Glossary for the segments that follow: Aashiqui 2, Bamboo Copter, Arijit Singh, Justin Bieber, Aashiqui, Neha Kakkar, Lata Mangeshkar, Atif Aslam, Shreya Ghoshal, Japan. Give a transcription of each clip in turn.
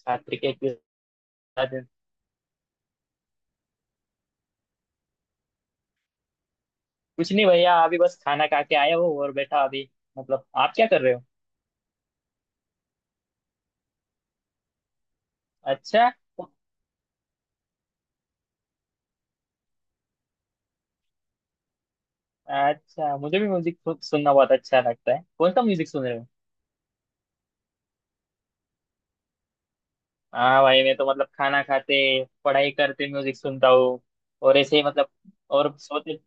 साथ क्रिकेट भी साथ। कुछ नहीं भैया, अभी बस खाना खा के आया हूँ और बैठा अभी। मतलब आप क्या कर रहे हो? अच्छा। अच्छा, मुझे भी म्यूजिक सुनना बहुत अच्छा लगता है। कौन सा म्यूजिक सुन रहे हो? हाँ भाई, मैं तो मतलब खाना खाते पढ़ाई करते म्यूजिक सुनता हूँ। और ऐसे ही मतलब और सोते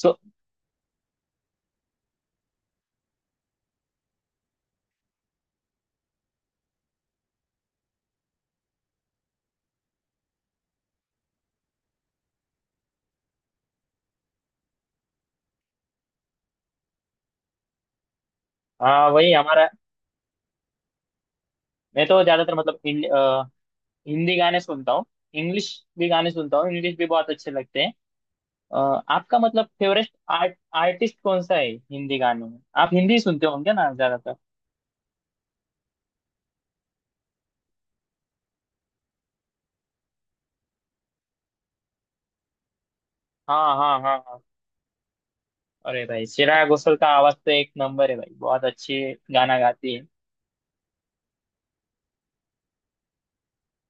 सो। हाँ वही हमारा। मैं तो ज्यादातर मतलब हिंदी गाने सुनता हूँ। इंग्लिश भी गाने सुनता हूँ, इंग्लिश भी बहुत अच्छे लगते हैं। अ, आपका मतलब फेवरेट आर्टिस्ट कौन सा है? हिंदी गानों में आप हिंदी सुनते होंगे ना ज्यादातर। हाँ हाँ हाँ हाँ। अरे भाई, श्रेया घोषाल का आवाज तो एक नंबर है भाई, बहुत अच्छे गाना गाती है।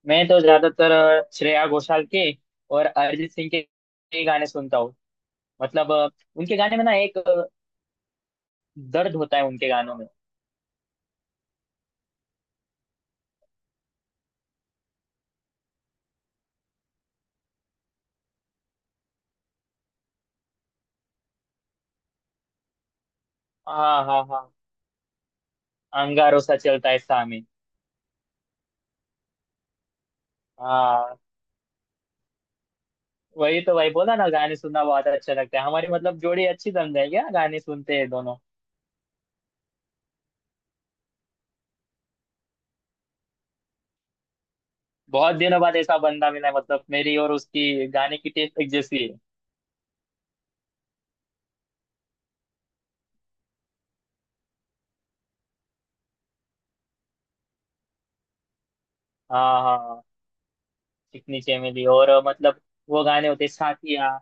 मैं तो ज्यादातर श्रेया घोषाल के और अरिजीत सिंह के गाने सुनता हूँ। मतलब उनके गाने में ना एक दर्द होता है उनके गानों में। हाँ हाँ हाँ। अंगारों सा चलता है सामे। हाँ, वही तो भाई बोला ना, गाने सुनना बहुत अच्छा लगता है। हमारी मतलब जोड़ी अच्छी जम जाएगी, हाँ, गाने सुनते हैं दोनों। बहुत दिनों बाद ऐसा बंदा मिला है, मतलब मेरी और उसकी गाने की टेस्ट एक जैसी है। हाँ हाँ। चिकनी चमेली और मतलब वो गाने होते हैं, साथिया।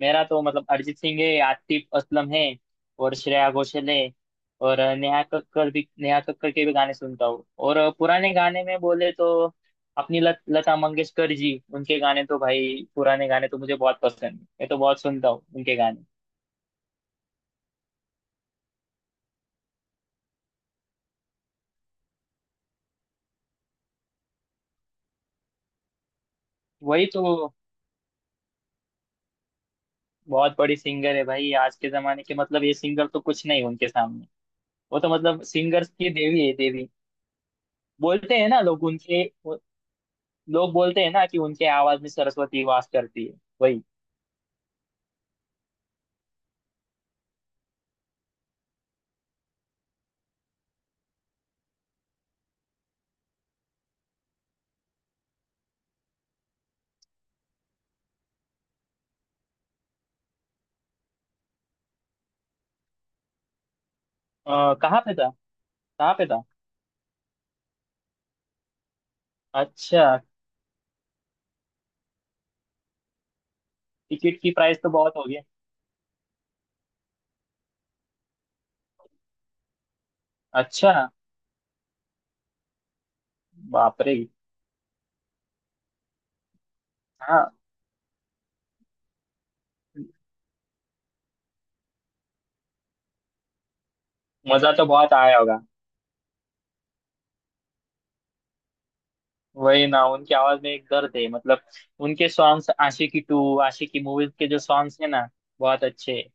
मेरा तो मतलब अरिजीत सिंह है, आतिफ असलम है और श्रेया घोषाल है। और नेहा कक्कड़ भी, नेहा कक्कड़ के भी गाने सुनता हूँ। और पुराने गाने में बोले तो अपनी लता मंगेशकर जी, उनके गाने तो भाई, पुराने गाने तो मुझे बहुत पसंद है, मैं तो बहुत सुनता हूँ उनके गाने। वही तो, बहुत बड़ी सिंगर है भाई। आज के जमाने के मतलब ये सिंगर तो कुछ नहीं उनके सामने। वो तो मतलब सिंगर्स की देवी है, देवी। बोलते हैं ना लोग उनके लोग बोलते हैं ना कि उनके आवाज में सरस्वती वास करती है। वही। कहाँ पे था? कहाँ पे था? अच्छा। टिकट की प्राइस तो बहुत हो गया। अच्छा। बाप रे। हाँ। मजा तो बहुत आया होगा। वही ना, उनकी आवाज में एक दर्द है मतलब। उनके songs Aashiqui two, Aashiqui movies के जो सॉन्ग्स है ना, बहुत अच्छे हैं।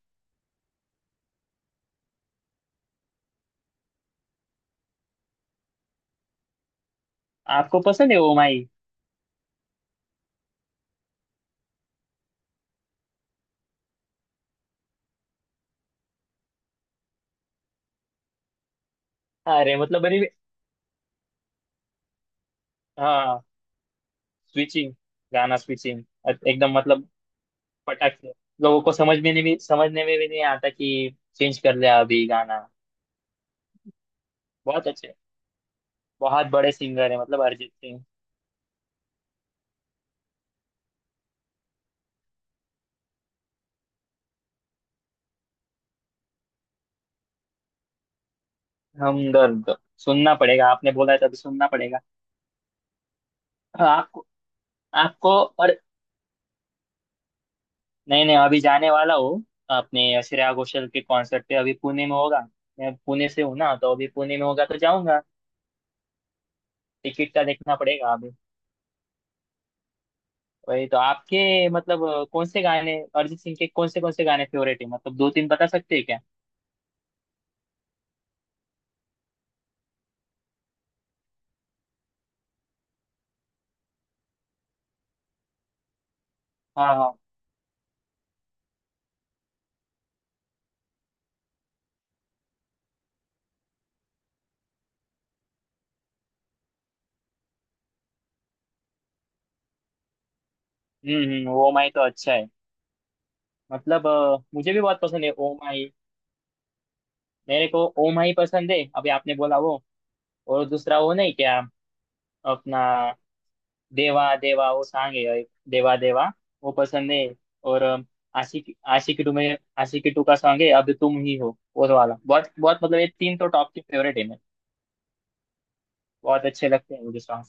आपको पसंद है ओ माई? अरे मतलब मैंने। हाँ स्विचिंग, गाना स्विचिंग, एकदम मतलब फटाक से, लोगों को समझने में भी नहीं आता कि चेंज कर लिया अभी गाना। बहुत अच्छे। बहुत बड़े सिंगर है मतलब अरिजीत सिंह। हमदर्द सुनना पड़ेगा, आपने बोला है तो अभी सुनना पड़ेगा। हाँ, आपको, आपको और। नहीं नहीं, अभी जाने वाला हूँ अपने श्रेया घोषाल के कॉन्सर्ट पे। अभी पुणे में होगा, मैं पुणे से हूँ ना, तो अभी पुणे में होगा तो जाऊंगा। टिकट का देखना पड़ेगा। वही तो, आपके मतलब कौन से गाने अरिजीत सिंह के कौन से गाने फेवरेट है, मतलब दो तीन बता सकते हैं क्या? हाँ हाँ। हम्म, ओ माई तो अच्छा है, मतलब मुझे भी बहुत पसंद है ओ माई। मेरे को ओ माई पसंद है, अभी आपने बोला वो। और दूसरा वो नहीं क्या, अपना, देवा देवा वो सॉन्ग है एक, देवा देवा वो पसंद है। और आशिकी, आशिकी टू में आशिकी टू का सॉन्ग है अब तुम ही हो, वो वाला बहुत, बहुत मतलब ये तीन तो टॉप के फेवरेट है मेरे, बहुत अच्छे लगते हैं मुझे सॉन्ग।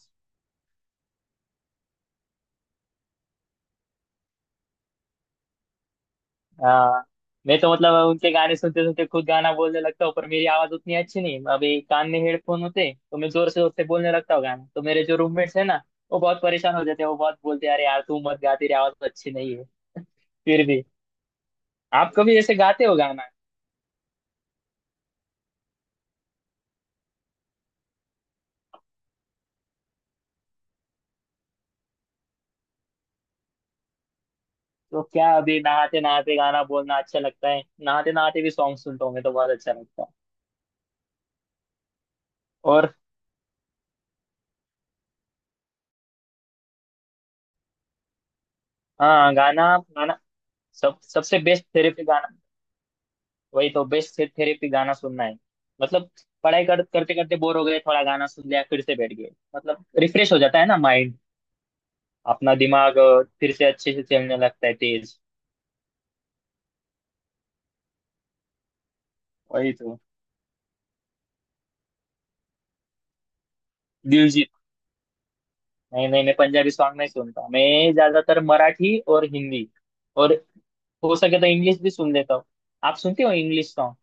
हाँ। मैं तो मतलब उनके गाने सुनते सुनते खुद गाना बोलने लगता हूँ, पर मेरी आवाज उतनी अच्छी नहीं। अभी कान में हेडफोन होते तो मैं जोर से बोलने लगता हूँ गाना, तो मेरे जो रूममेट्स है ना, वो बहुत परेशान हो जाते हैं। वो बहुत बोलते हैं, अरे यार, तू मत गा, तेरी आवाज तो अच्छी नहीं है। फिर भी आप कभी ऐसे गाते हो गाना? तो क्या, अभी नहाते नहाते गाना बोलना अच्छा लगता है, नहाते नहाते भी सॉन्ग सुनता हूँ मैं, तो बहुत अच्छा लगता है। और हाँ, गाना गाना सब सबसे बेस्ट थेरेपी, गाना। वही तो, बेस्ट थेरेपी गाना सुनना है मतलब। करते करते बोर हो गए, थोड़ा गाना सुन लिया, फिर से बैठ गए, मतलब रिफ्रेश हो जाता है ना माइंड। अपना दिमाग फिर से अच्छे से चलने लगता है तेज। वही तो। दिलजीत? नहीं नहीं, मैं पंजाबी सॉन्ग नहीं सुनता। मैं ज्यादातर मराठी और हिंदी, और हो सके तो इंग्लिश भी सुन लेता हूँ। आप सुनते हो इंग्लिश सॉन्ग?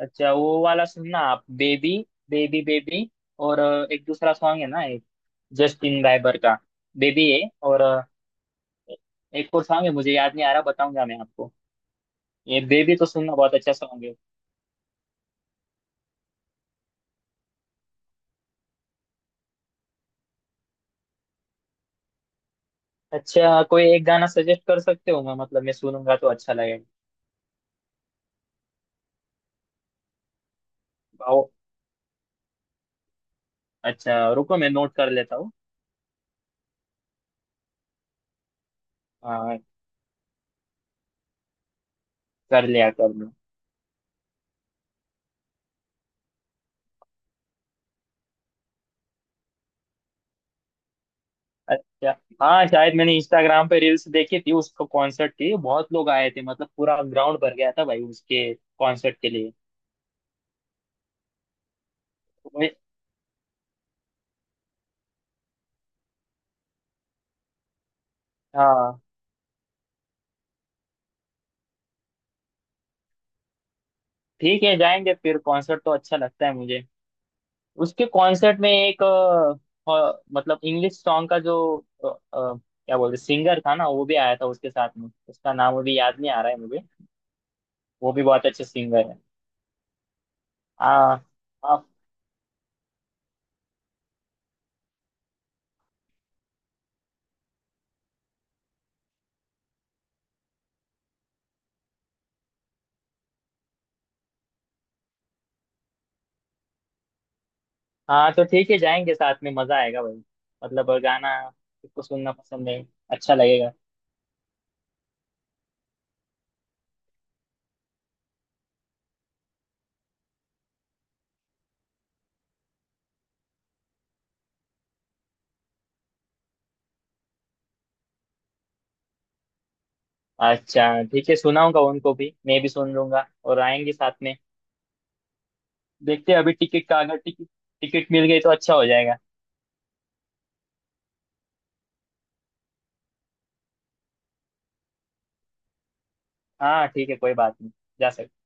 अच्छा, वो वाला सुनना आप, बेबी, बेबी, बेबी। और एक दूसरा सॉन्ग है ना एक, जस्टिन बाइबर का बेबी है। और एक और सॉन्ग है, मुझे याद नहीं आ रहा, बताऊंगा मैं आपको। ये बेबी तो सुनना, बहुत अच्छा सॉन्ग है। अच्छा, कोई एक गाना सजेस्ट कर सकते हो, मैं मतलब मैं सुनूंगा तो अच्छा लगेगा। आओ, अच्छा रुको, मैं नोट कर लेता हूँ। हाँ, कर लिया कर लिया। अच्छा। हाँ शायद, मैंने इंस्टाग्राम पे रील्स देखी थी उसको कॉन्सर्ट की, बहुत लोग आए थे, मतलब पूरा ग्राउंड भर गया था भाई उसके कॉन्सर्ट के लिए। तो मैं- हाँ ठीक है, जाएंगे फिर, कॉन्सर्ट तो अच्छा लगता है मुझे। उसके कॉन्सर्ट में एक मतलब इंग्लिश सॉन्ग का जो अ, अ, क्या बोलते, सिंगर था ना वो भी आया था उसके साथ में, उसका नाम अभी याद नहीं आ रहा है मुझे। वो भी बहुत अच्छे सिंगर है। हाँ। हाँ, हाँ, तो ठीक है जाएंगे साथ में, मजा आएगा भाई। मतलब गाना किसको सुनना पसंद है, अच्छा लगेगा। अच्छा ठीक है, सुनाऊंगा उनको भी, मैं भी सुन लूंगा और आएंगे साथ में। देखते हैं अभी टिकट का, अगर टिकट टिकट मिल गई तो अच्छा हो जाएगा। हाँ ठीक है, कोई बात नहीं, जा सकते।